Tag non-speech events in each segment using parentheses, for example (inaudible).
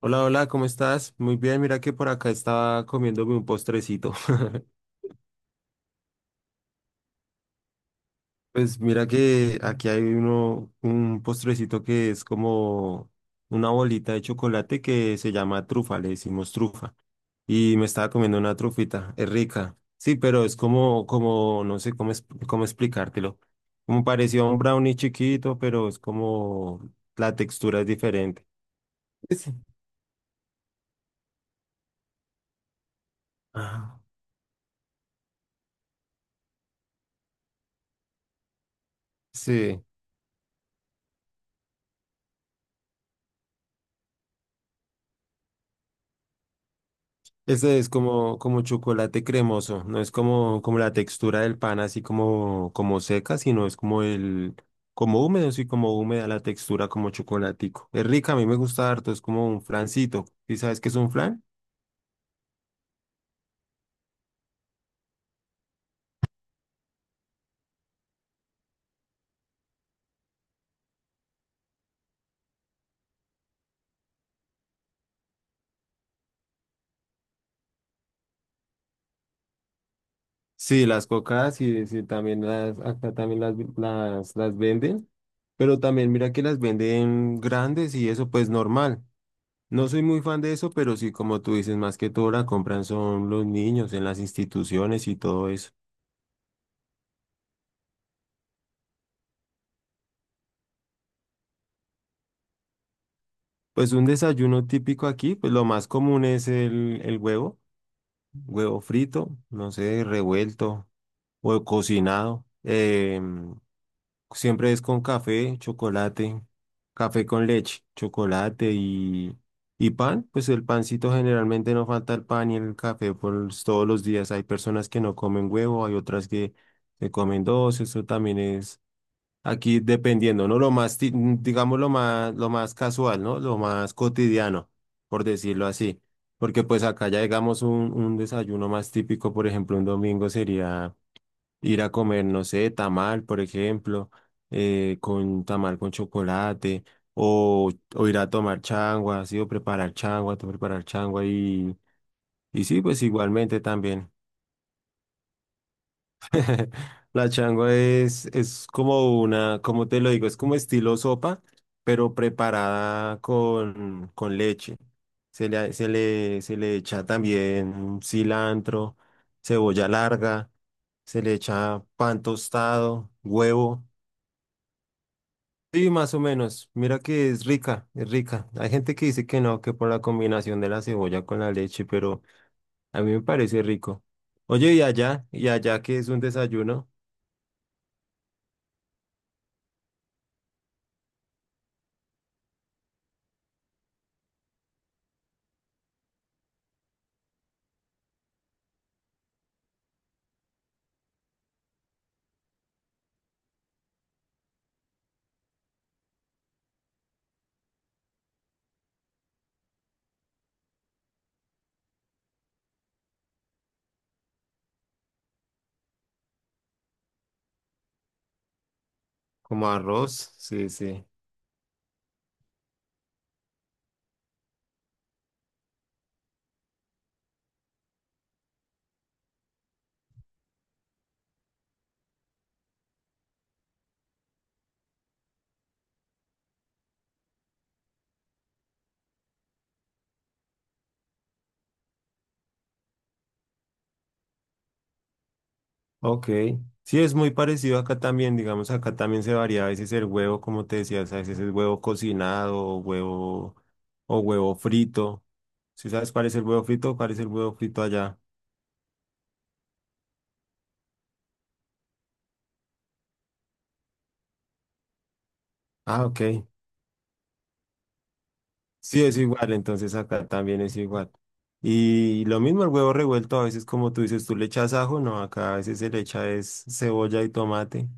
Hola, hola, ¿cómo estás? Muy bien, mira que por acá estaba comiéndome un postrecito. (laughs) Pues mira que aquí hay un postrecito que es como una bolita de chocolate que se llama trufa, le decimos trufa. Y me estaba comiendo una trufita, es rica. Sí, pero es como, no sé cómo, cómo explicártelo. Como parecía un brownie chiquito, pero es como la textura es diferente. Sí. Ah, sí. Este es como, como chocolate cremoso, no es como, como la textura del pan así como, como seca, sino es como como húmedo, sí, como húmeda la textura como chocolatico. Es rica, a mí me gusta harto, es como un flancito. ¿Y sabes qué es un flan? Sí, las cocadas y sí, también acá también las venden, pero también mira que las venden grandes y eso pues normal. No soy muy fan de eso, pero sí, como tú dices, más que todo la compran son los niños en las instituciones y todo eso. Pues un desayuno típico aquí, pues lo más común es el huevo, huevo frito, no sé, revuelto o cocinado. Siempre es con café, chocolate, café con leche, chocolate y pan. Pues el pancito generalmente no falta el pan y el café por todos los días. Hay personas que no comen huevo, hay otras que se comen dos, eso también es. Aquí dependiendo, ¿no? Lo más, digamos, lo más casual, ¿no? Lo más cotidiano, por decirlo así. Porque pues acá ya digamos un desayuno más típico, por ejemplo, un domingo sería ir a comer, no sé, tamal, por ejemplo, con tamal con chocolate, o ir a tomar changua, ¿sí? O preparar changua, preparar changua y sí, pues igualmente también. La changua es como una, como te lo digo, es como estilo sopa, pero preparada con leche. Se le echa también cilantro, cebolla larga, se le echa pan tostado, huevo. Sí, más o menos. Mira que es rica, es rica. Hay gente que dice que no, que por la combinación de la cebolla con la leche, pero a mí me parece rico. Oye, y allá que es un desayuno, como arroz, sí, sí. Ok, sí es muy parecido acá también, digamos, acá también se varía a veces el huevo, como te decías, a veces es huevo cocinado, o huevo frito. ¿Sí sabes cuál es el huevo frito? ¿Cuál es el huevo frito allá? Ah, ok. Sí es igual, entonces acá también es igual. Y lo mismo el huevo revuelto, a veces como tú dices, tú le echas ajo, no, acá a veces se le echa es cebolla y tomate.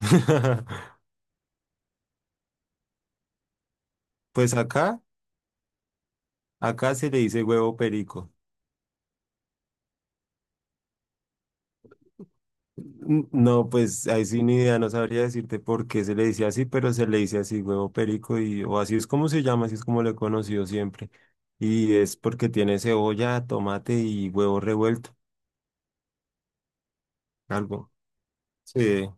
(laughs) Pues acá, acá se le dice huevo perico. Mm, no, pues ahí sí ni idea, no sabría decirte por qué se le dice así, pero se le dice así, huevo perico, y, o así es como se llama, así es como lo he conocido siempre. Y es porque tiene cebolla, tomate y huevo revuelto, algo. Sí.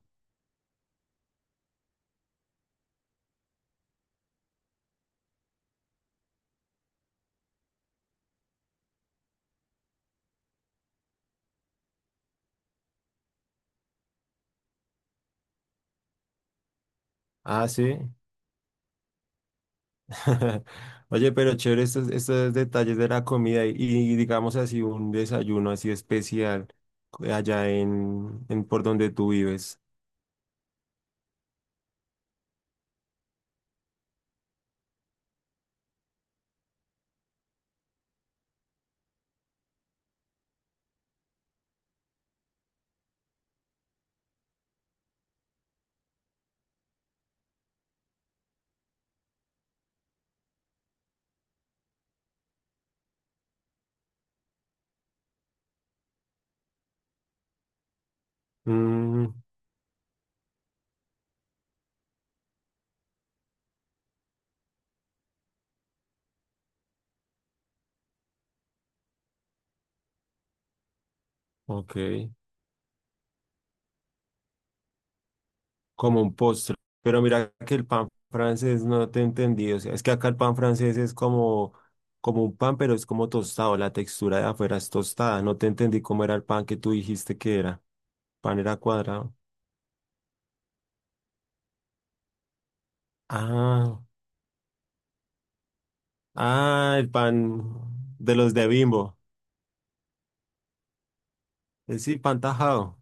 Ah, sí. (laughs) Oye, pero chévere estos detalles de la comida y digamos así un desayuno así especial allá en por donde tú vives. Mm, ok. Como un postre. Pero mira que el pan francés no te entendí. O sea, es que acá el pan francés es como, como un pan, pero es como tostado. La textura de afuera es tostada. No te entendí cómo era el pan que tú dijiste que era. Pan era cuadrado. Ah, ah, el pan de los de Bimbo. Es sí, pan tajado.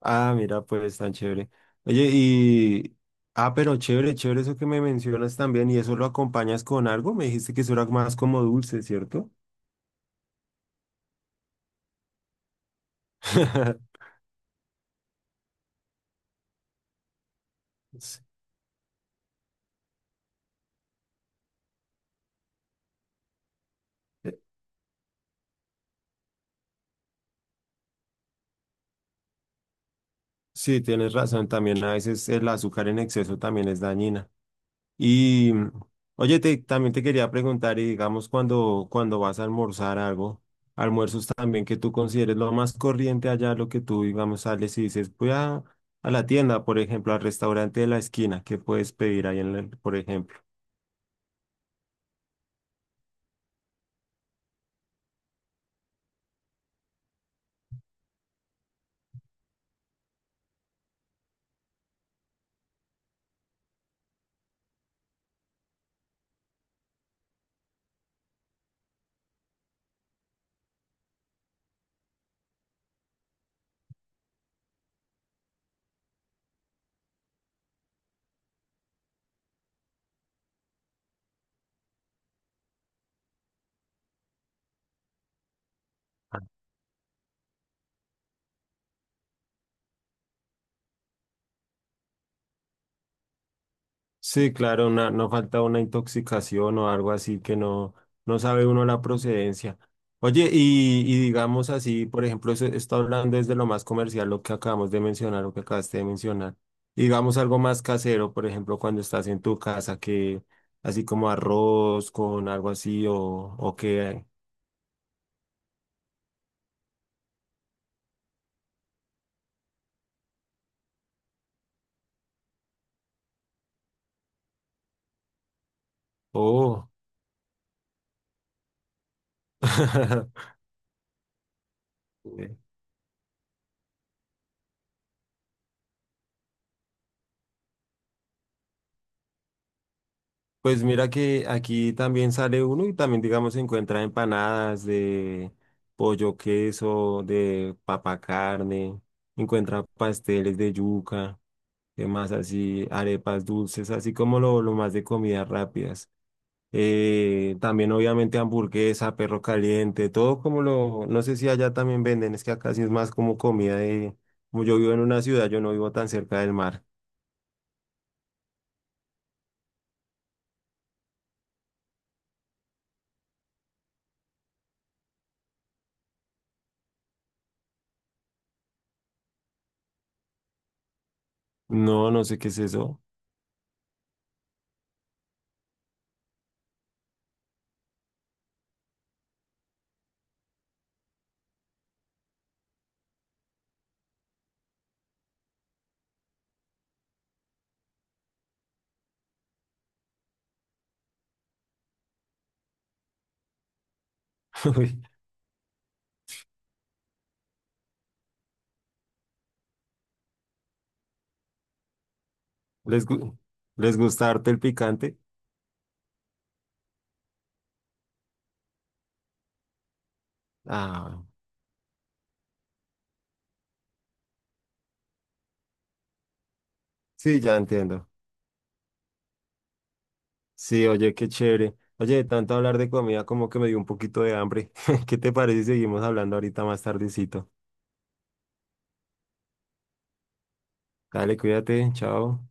Ah, mira, pues tan chévere. Oye, y. Ah, pero chévere, chévere eso que me mencionas también. ¿Y eso lo acompañas con algo? Me dijiste que eso era más como dulce, ¿cierto? (laughs) (laughs) Eh, Sí, tienes razón. También a veces el azúcar en exceso también es dañina. Y mm, oye, también te quería preguntar, y digamos, cuando vas a almorzar algo, almuerzos también que tú consideres lo más corriente allá, lo que tú, digamos, sales y dices, voy a la tienda, por ejemplo, al restaurante de la esquina, ¿qué puedes pedir ahí en el, por ejemplo? Sí, claro, no falta una intoxicación o algo así que no, no sabe uno la procedencia. Oye, y digamos así, por ejemplo, eso está hablando desde lo más comercial, lo que acabamos de mencionar, lo que acabaste de mencionar. Y digamos algo más casero, por ejemplo, cuando estás en tu casa, que así como arroz con algo así o que... Oh. (laughs) Pues mira que aquí también sale uno y también, digamos, se encuentra empanadas de pollo queso, de papa carne, encuentra pasteles de yuca, demás así, arepas dulces, así como lo más de comidas rápidas. También obviamente hamburguesa, perro caliente, todo como lo, no sé si allá también venden, es que acá sí es más como comida de, como yo vivo en una ciudad, yo no vivo tan cerca del mar. No, no sé qué es eso. (laughs) ¿Les, les gusta harto el picante? Ah, sí, ya entiendo. Sí, oye, qué chévere. Oye, de tanto hablar de comida, como que me dio un poquito de hambre. (laughs) ¿Qué te parece si seguimos hablando ahorita más tardecito? Dale, cuídate, chao.